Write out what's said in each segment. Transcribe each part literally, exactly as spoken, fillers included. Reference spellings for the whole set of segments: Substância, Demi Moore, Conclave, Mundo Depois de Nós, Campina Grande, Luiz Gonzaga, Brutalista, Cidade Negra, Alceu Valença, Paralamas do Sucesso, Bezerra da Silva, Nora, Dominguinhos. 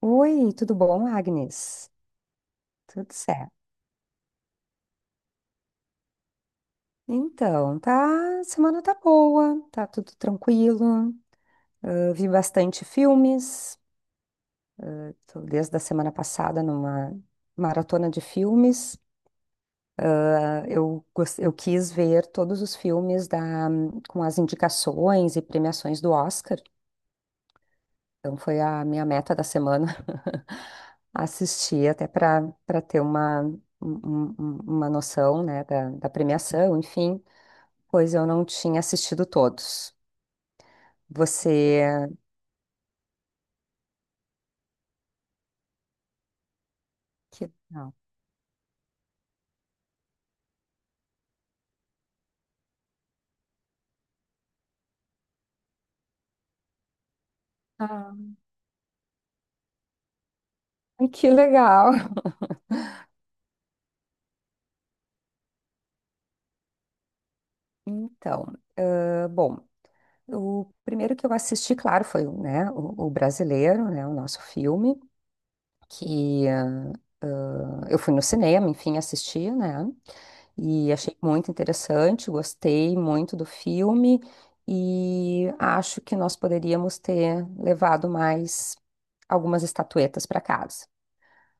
Oi, tudo bom, Agnes? Tudo certo. Então, tá, semana tá boa, tá tudo tranquilo. Ah, vi bastante filmes, tô desde a semana passada numa maratona de filmes. Ah, eu, gos- eu quis ver todos os filmes da, com as indicações e premiações do Oscar. Então foi a minha meta da semana assistir até para para ter uma, um- um- um, uma noção, né, da, da premiação, enfim. Pois eu não tinha assistido todos. Você. Que... legal. Ah, que legal. Então, ah, bom, o primeiro que eu assisti, claro, foi, né, o, o brasileiro, né, o nosso filme, que ah, ah, eu fui no cinema, enfim, assisti, né? E achei muito interessante, gostei muito do filme e acho que nós poderíamos ter levado mais algumas estatuetas para casa.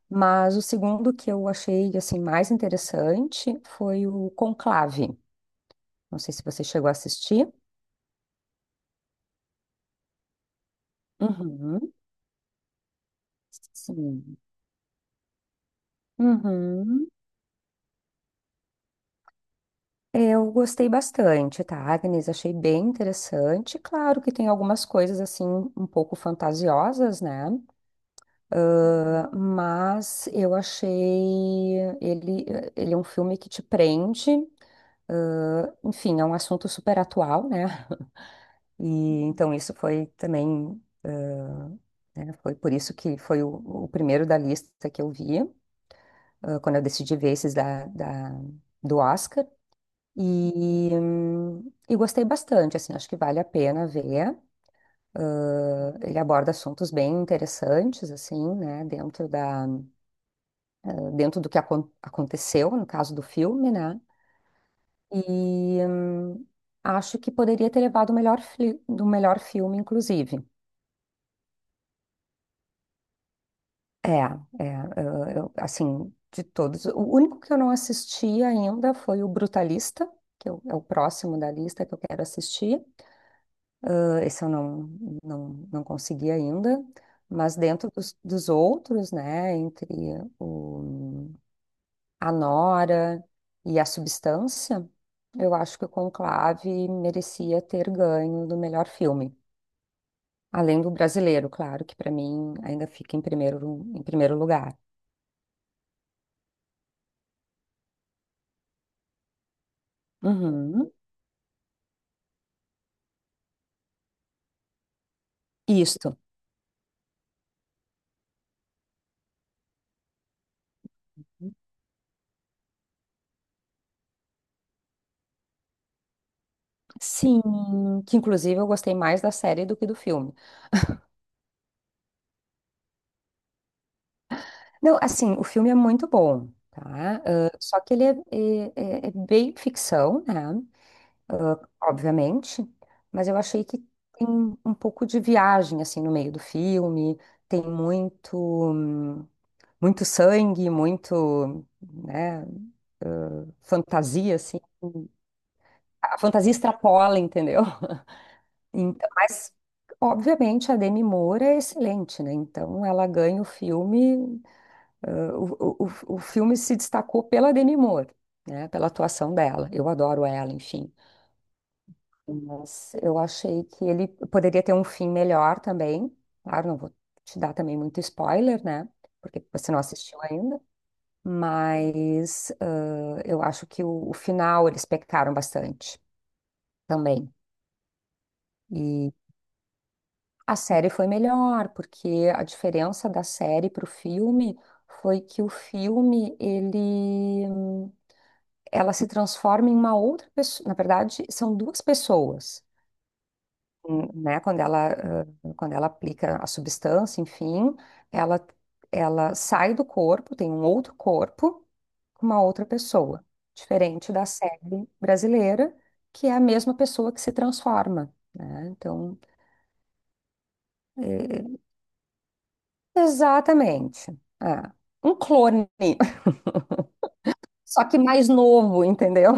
Mas o segundo que eu achei assim mais interessante foi o Conclave. Não sei se você chegou a assistir. Uhum. Sim. Uhum. Eu gostei bastante, tá, Agnes? Achei bem interessante. Claro que tem algumas coisas assim um pouco fantasiosas, né? Ah, mas eu achei ele, ele é um filme que te prende. Ah, enfim, é um assunto super atual, né? E então isso foi também, ah, né, foi por isso que foi o, o primeiro da lista que eu via. Ah, quando eu decidi ver esses da, da- do Oscar. E, hum, e gostei bastante, assim, acho que vale a pena ver. Ah, ele aborda assuntos bem interessantes, assim, né, dentro da, dentro do que acon- aconteceu no caso do filme, né? E hum, acho que poderia ter levado o melhor, fli- do melhor filme, inclusive. É, é, eu, eu- assim, de todos. O único que eu não assisti ainda foi o Brutalista, que eu- é o próximo da lista que eu quero assistir. Ah, esse eu não, não, não consegui ainda, mas dentro dos, dos outros, né, entre o, a Nora e a Substância, eu acho que o Conclave merecia ter ganho do melhor filme. Além do brasileiro, claro, que para mim ainda fica em primeiro, em primeiro lugar. Uhum. Isso. Sim, que inclusive eu gostei mais da série do que do filme. Não, assim, o filme é muito bom, tá? Ah, só que ele é, é- é- é bem ficção, né? Ah, obviamente, mas eu achei que tem um pouco de viagem, assim, no meio do filme, tem muito, hum, muito sangue, muito, né, fantasia, assim. A fantasia extrapola, entendeu? Então, mas, obviamente, a Demi Moore é excelente, né? Então, ela ganha o filme, ah, o, o, o filme se destacou pela Demi Moore, né? Pela atuação dela. Eu adoro ela, enfim. Mas eu achei que ele poderia ter um fim melhor também. Claro, não vou te dar também muito spoiler, né? Porque você não assistiu ainda. Mas ah, eu acho que o, o final eles pecaram bastante também. A série foi melhor, porque a diferença da série para o filme foi que o filme, ele, hum, ela se transforma em uma outra pessoa. Na verdade, são duas pessoas, hum, né? Quando ela, ah, quando ela aplica a substância, enfim, ela, ela sai do corpo, tem um outro corpo, com uma outra pessoa, diferente da série brasileira, que é a mesma pessoa que se transforma, né? Então, é, exatamente. É. Um clone, só que mais novo, entendeu?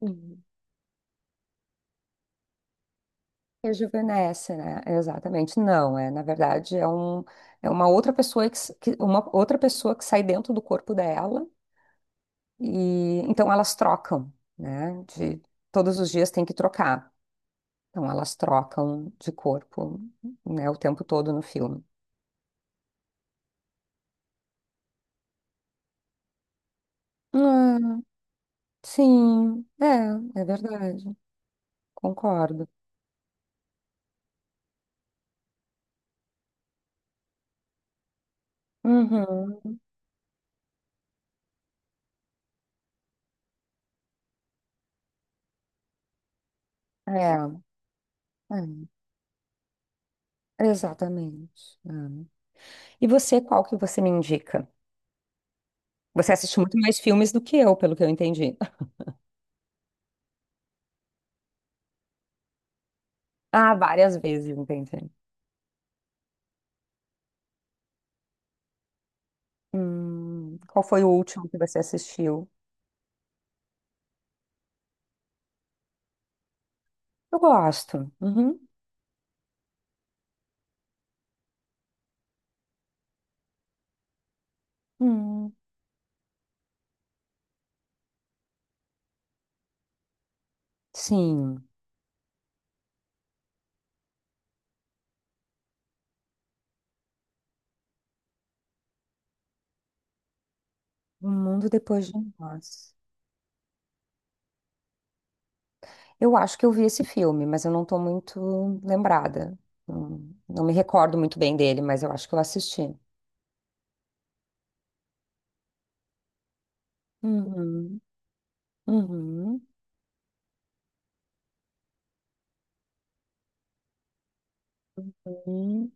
Uhum. Rejuvenesce, né? Exatamente. Não, é, na verdade, é um, é uma outra pessoa que, s- que- uma outra pessoa que sai dentro do corpo dela e então elas trocam, né? De todos os dias tem que trocar. Então elas trocam de corpo, né, o tempo todo no filme. Ah, sim, é, é verdade. Concordo. Uhum. É, é. Exatamente. Hum. E você, qual que você me indica? Você assiste muito mais filmes do que eu, pelo que eu entendi. Ah, várias vezes, entendi. Hum, qual foi o último que você assistiu? Eu gosto. Uhum. Hum, sim. O Mundo Depois de Nós. Eu acho que eu vi esse filme, mas eu não estou muito lembrada. Hum, não me recordo muito bem dele, mas eu acho que eu assisti. Uhum. Uhum. Uhum.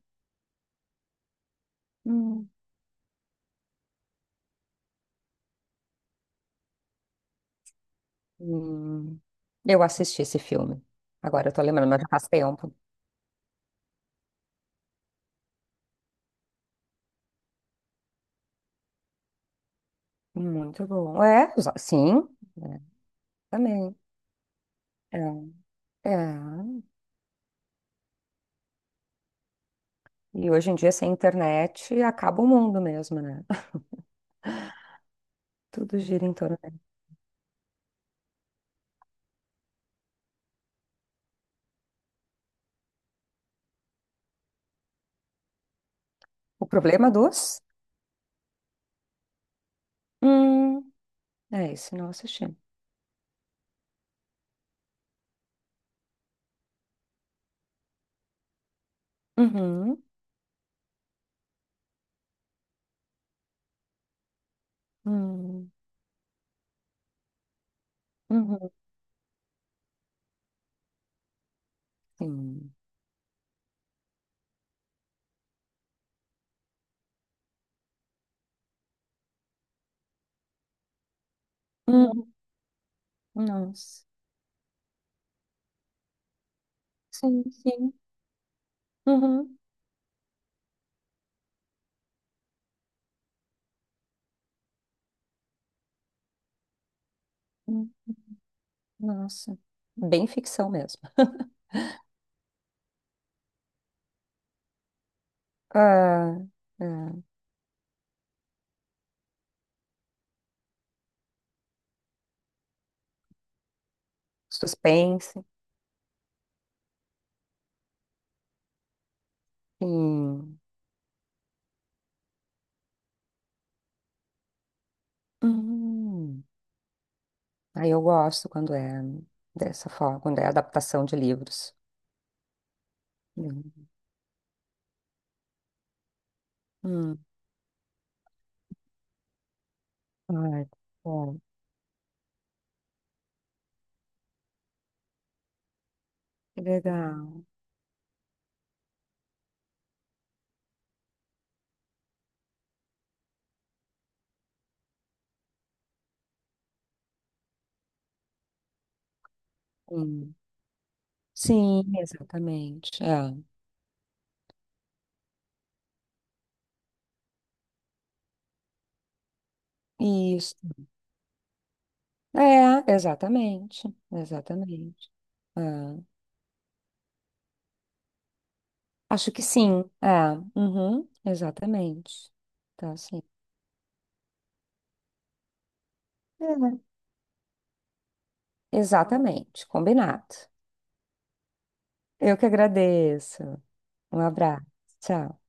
Uhum. Hum, eu assisti esse filme. Agora eu tô lembrando, mas já faz tempo. Muito bom. É, os- sim, é, também. É, é. E hoje em dia, sem internet, acaba o mundo mesmo, né? Tudo gira em torno dela. O problema dos? Hum, é isso, não assisti. Uhum, uhum, uhum, sim. Uhum, nossa. Sim, sim. Uhum, uhum, nossa. Bem ficção mesmo. Ah, é. Suspense. Sim. Hum. Aí eu gosto quando é dessa forma, quando é adaptação de livros. Hum. Hum. Ai, bom. Que legal. Hum. Sim, exatamente. É. Isso. É, exatamente. Exatamente. É. Acho que sim. É. Uhum. Exatamente. Tá, sim. É. Exatamente. Combinado. Eu que agradeço. Um abraço. Tchau.